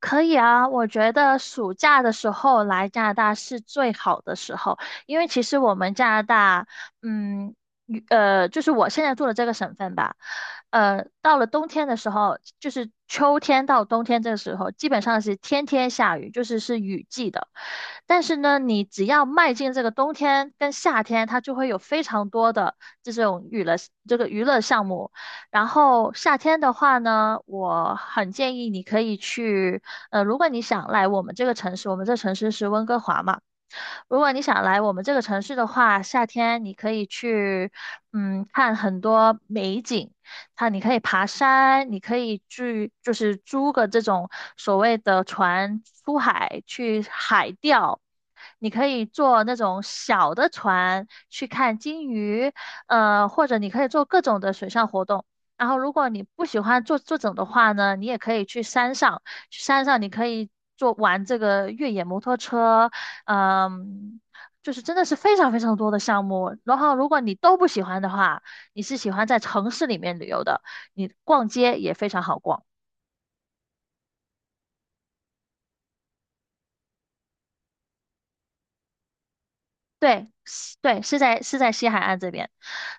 可以啊，我觉得暑假的时候来加拿大是最好的时候，因为其实我们加拿大，嗯，与就是我现在住的这个省份吧，到了冬天的时候，就是秋天到冬天这个时候，基本上是天天下雨，就是是雨季的。但是呢，你只要迈进这个冬天跟夏天，它就会有非常多的这种娱乐这个娱乐项目。然后夏天的话呢，我很建议你可以去如果你想来我们这个城市，我们这城市是温哥华嘛，如果你想来我们这个城市的话，夏天你可以去，嗯，看很多美景。它你可以爬山，你可以去就是租个这种所谓的船出海去海钓，你可以坐那种小的船去看鲸鱼，或者你可以做各种的水上活动。然后，如果你不喜欢坐整的话呢，你也可以去山上，去山上你可以坐玩这个越野摩托车，嗯，就是真的是非常非常多的项目。然后，如果你都不喜欢的话，你是喜欢在城市里面旅游的，你逛街也非常好逛。对，是对，是在西海岸这边，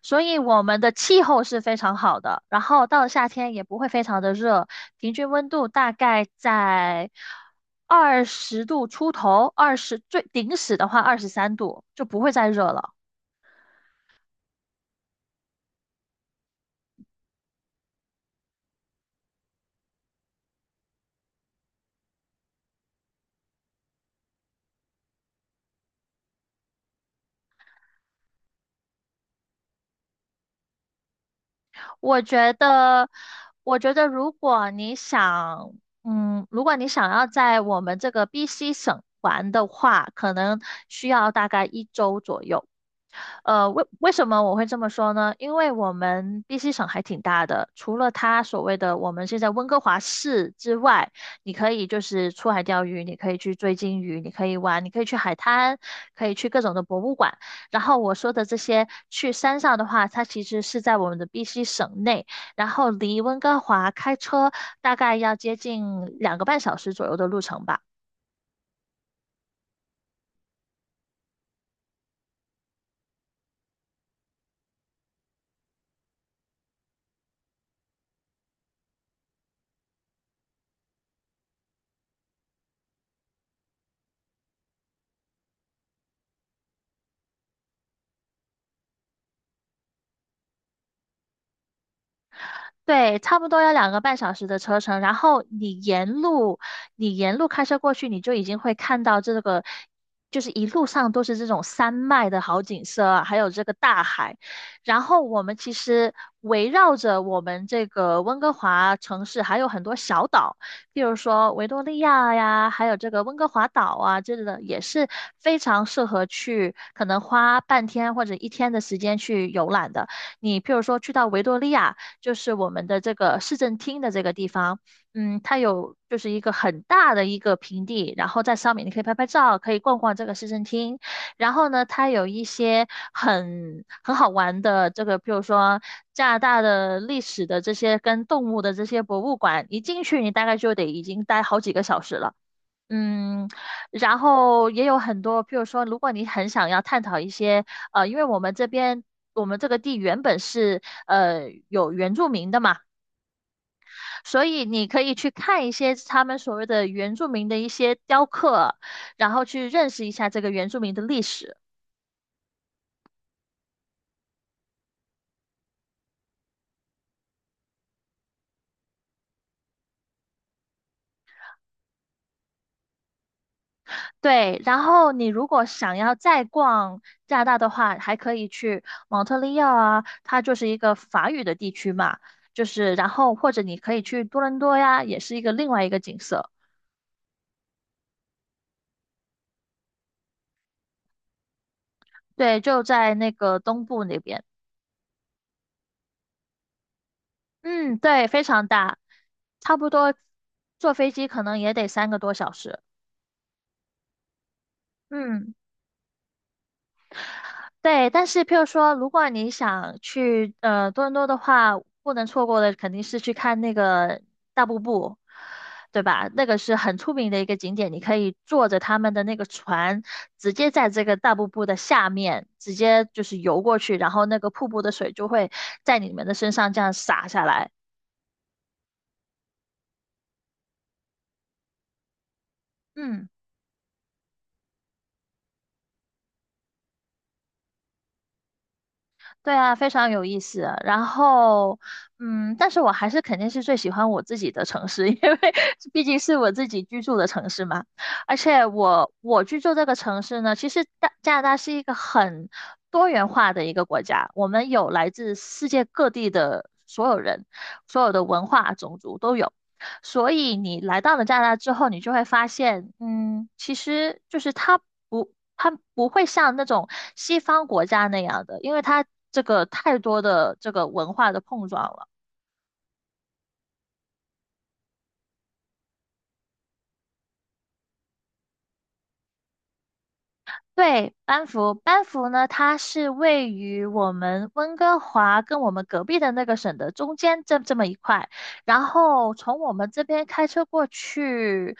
所以我们的气候是非常好的，然后到了夏天也不会非常的热，平均温度大概在二十度出头，二十最顶死的话二十三度，就不会再热了。我觉得，我觉得如果你想，嗯，如果你想要在我们这个 BC 省玩的话，可能需要大概一周左右。呃，为什么我会这么说呢？因为我们 BC 省还挺大的，除了它所谓的我们现在温哥华市之外，你可以就是出海钓鱼，你可以去追鲸鱼，你可以玩，你可以去海滩，可以去各种的博物馆。然后我说的这些去山上的话，它其实是在我们的 BC 省内，然后离温哥华开车大概要接近两个半小时左右的路程吧。对，差不多要两个半小时的车程，然后你沿路，你沿路开车过去，你就已经会看到这个，就是一路上都是这种山脉的好景色啊还有这个大海。然后我们其实围绕着我们这个温哥华城市还有很多小岛，比如说维多利亚呀，还有这个温哥华岛啊，这类的也是非常适合去，可能花半天或者一天的时间去游览的。你譬如说去到维多利亚。就是我们的这个市政厅的这个地方，嗯，它有就是一个很大的一个平地，然后在上面你可以拍拍照，可以逛逛这个市政厅。然后呢，它有一些很好玩的这个，比如说加拿大的历史的这些跟动物的这些博物馆，一进去你大概就得已经待好几个小时了。嗯，然后也有很多，譬如说，如果你很想要探讨一些，因为我们这边我们这个地原本是有原住民的嘛，所以你可以去看一些他们所谓的原住民的一些雕刻，然后去认识一下这个原住民的历史。对，然后你如果想要再逛加拿大的话，还可以去蒙特利尔啊，它就是一个法语的地区嘛，就是然后或者你可以去多伦多呀，也是一个另外一个景色。对，就在那个东部那边。嗯，对，非常大，差不多坐飞机可能也得三个多小时。嗯。对，但是譬如说，如果你想去多伦多的话，不能错过的肯定是去看那个大瀑布，对吧？那个是很出名的一个景点，你可以坐着他们的那个船，直接在这个大瀑布的下面直接就是游过去，然后那个瀑布的水就会在你们的身上这样洒下来。嗯。对啊，非常有意思。然后，嗯，但是我还是肯定是最喜欢我自己的城市，因为毕竟是我自己居住的城市嘛。而且我居住这个城市呢，其实大加拿大是一个很多元化的一个国家，我们有来自世界各地的所有人，所有的文化、种族都有。所以你来到了加拿大之后，你就会发现，嗯，其实就是它不，它不会像那种西方国家那样的，因为它这个太多的这个文化的碰撞了。对，班夫，班夫呢，它是位于我们温哥华跟我们隔壁的那个省的中间这么一块，然后从我们这边开车过去，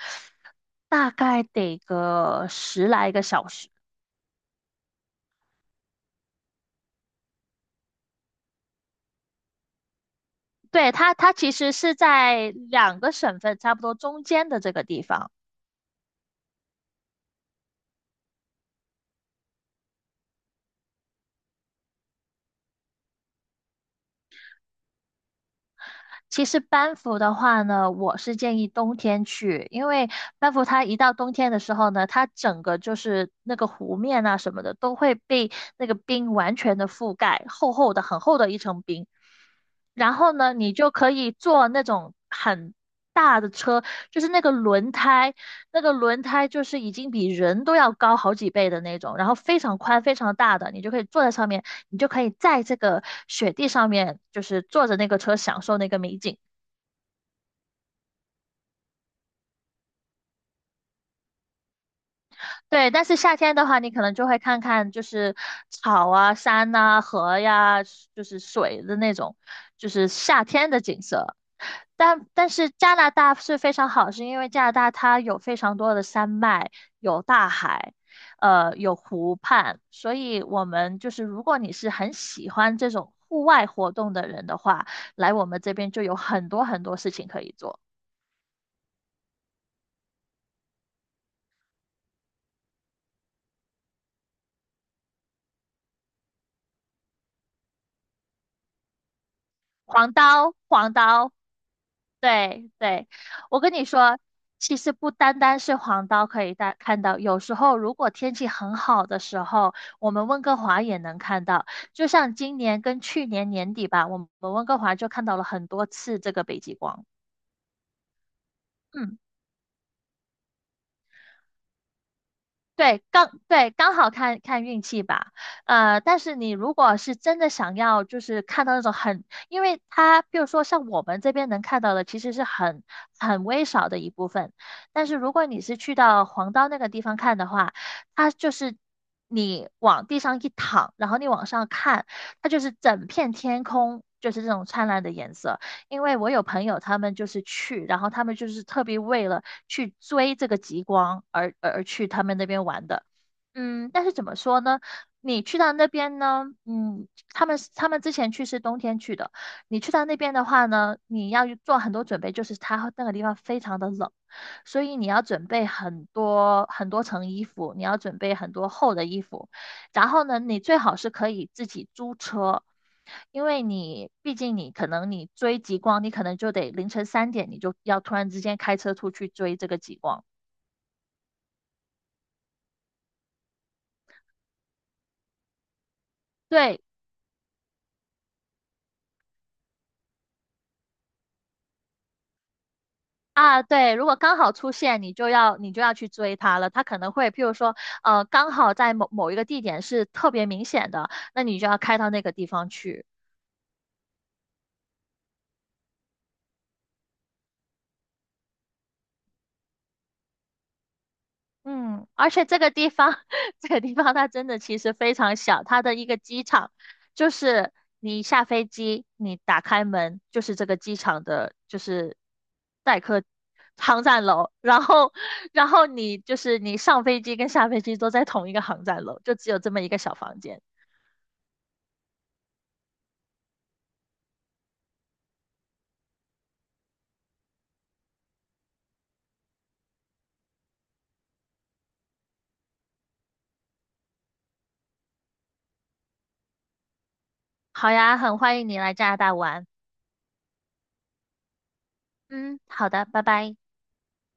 大概得个十来个小时。对，它，它其实是在两个省份差不多中间的这个地方。其实班夫的话呢，我是建议冬天去，因为班夫它一到冬天的时候呢，它整个就是那个湖面啊什么的都会被那个冰完全的覆盖，厚厚的、很厚的一层冰。然后呢，你就可以坐那种很大的车，就是那个轮胎就是已经比人都要高好几倍的那种，然后非常宽、非常大的，你就可以坐在上面，你就可以在这个雪地上面，就是坐着那个车享受那个美景。对，但是夏天的话，你可能就会看看就是草啊、山呐、河呀，就是水的那种，就是夏天的景色。但但是加拿大是非常好，是因为加拿大它有非常多的山脉，有大海，有湖畔，所以我们就是如果你是很喜欢这种户外活动的人的话，来我们这边就有很多很多事情可以做。黄刀，黄刀，对对，我跟你说，其实不单单是黄刀可以大看到，有时候如果天气很好的时候，我们温哥华也能看到。就像今年跟去年年底吧，我们温哥华就看到了很多次这个北极光。嗯。对，刚好看看运气吧。呃，但是你如果是真的想要，就是看到那种很，因为它，比如说像我们这边能看到的，其实是很微少的一部分。但是如果你是去到黄刀那个地方看的话，它就是你往地上一躺，然后你往上看，它就是整片天空就是这种灿烂的颜色。因为我有朋友他们就是去，然后他们就是特别为了去追这个极光而去他们那边玩的。嗯，但是怎么说呢？你去到那边呢，嗯，他们之前去是冬天去的，你去到那边的话呢，你要做很多准备，就是它那个地方非常的冷，所以你要准备很多很多层衣服，你要准备很多厚的衣服，然后呢，你最好是可以自己租车，因为你毕竟你可能你追极光，你可能就得凌晨三点你就要突然之间开车出去追这个极光。对，啊，对，如果刚好出现，你就要去追它了。它可能会，譬如说，刚好在某某一个地点是特别明显的，那你就要开到那个地方去。嗯，而且这个地方，这个地方它真的其实非常小，它的一个机场就是你下飞机，你打开门就是这个机场的，就是待客航站楼，然后你就是你上飞机跟下飞机都在同一个航站楼，就只有这么一个小房间。好呀，很欢迎你来加拿大玩。嗯，好的，拜拜。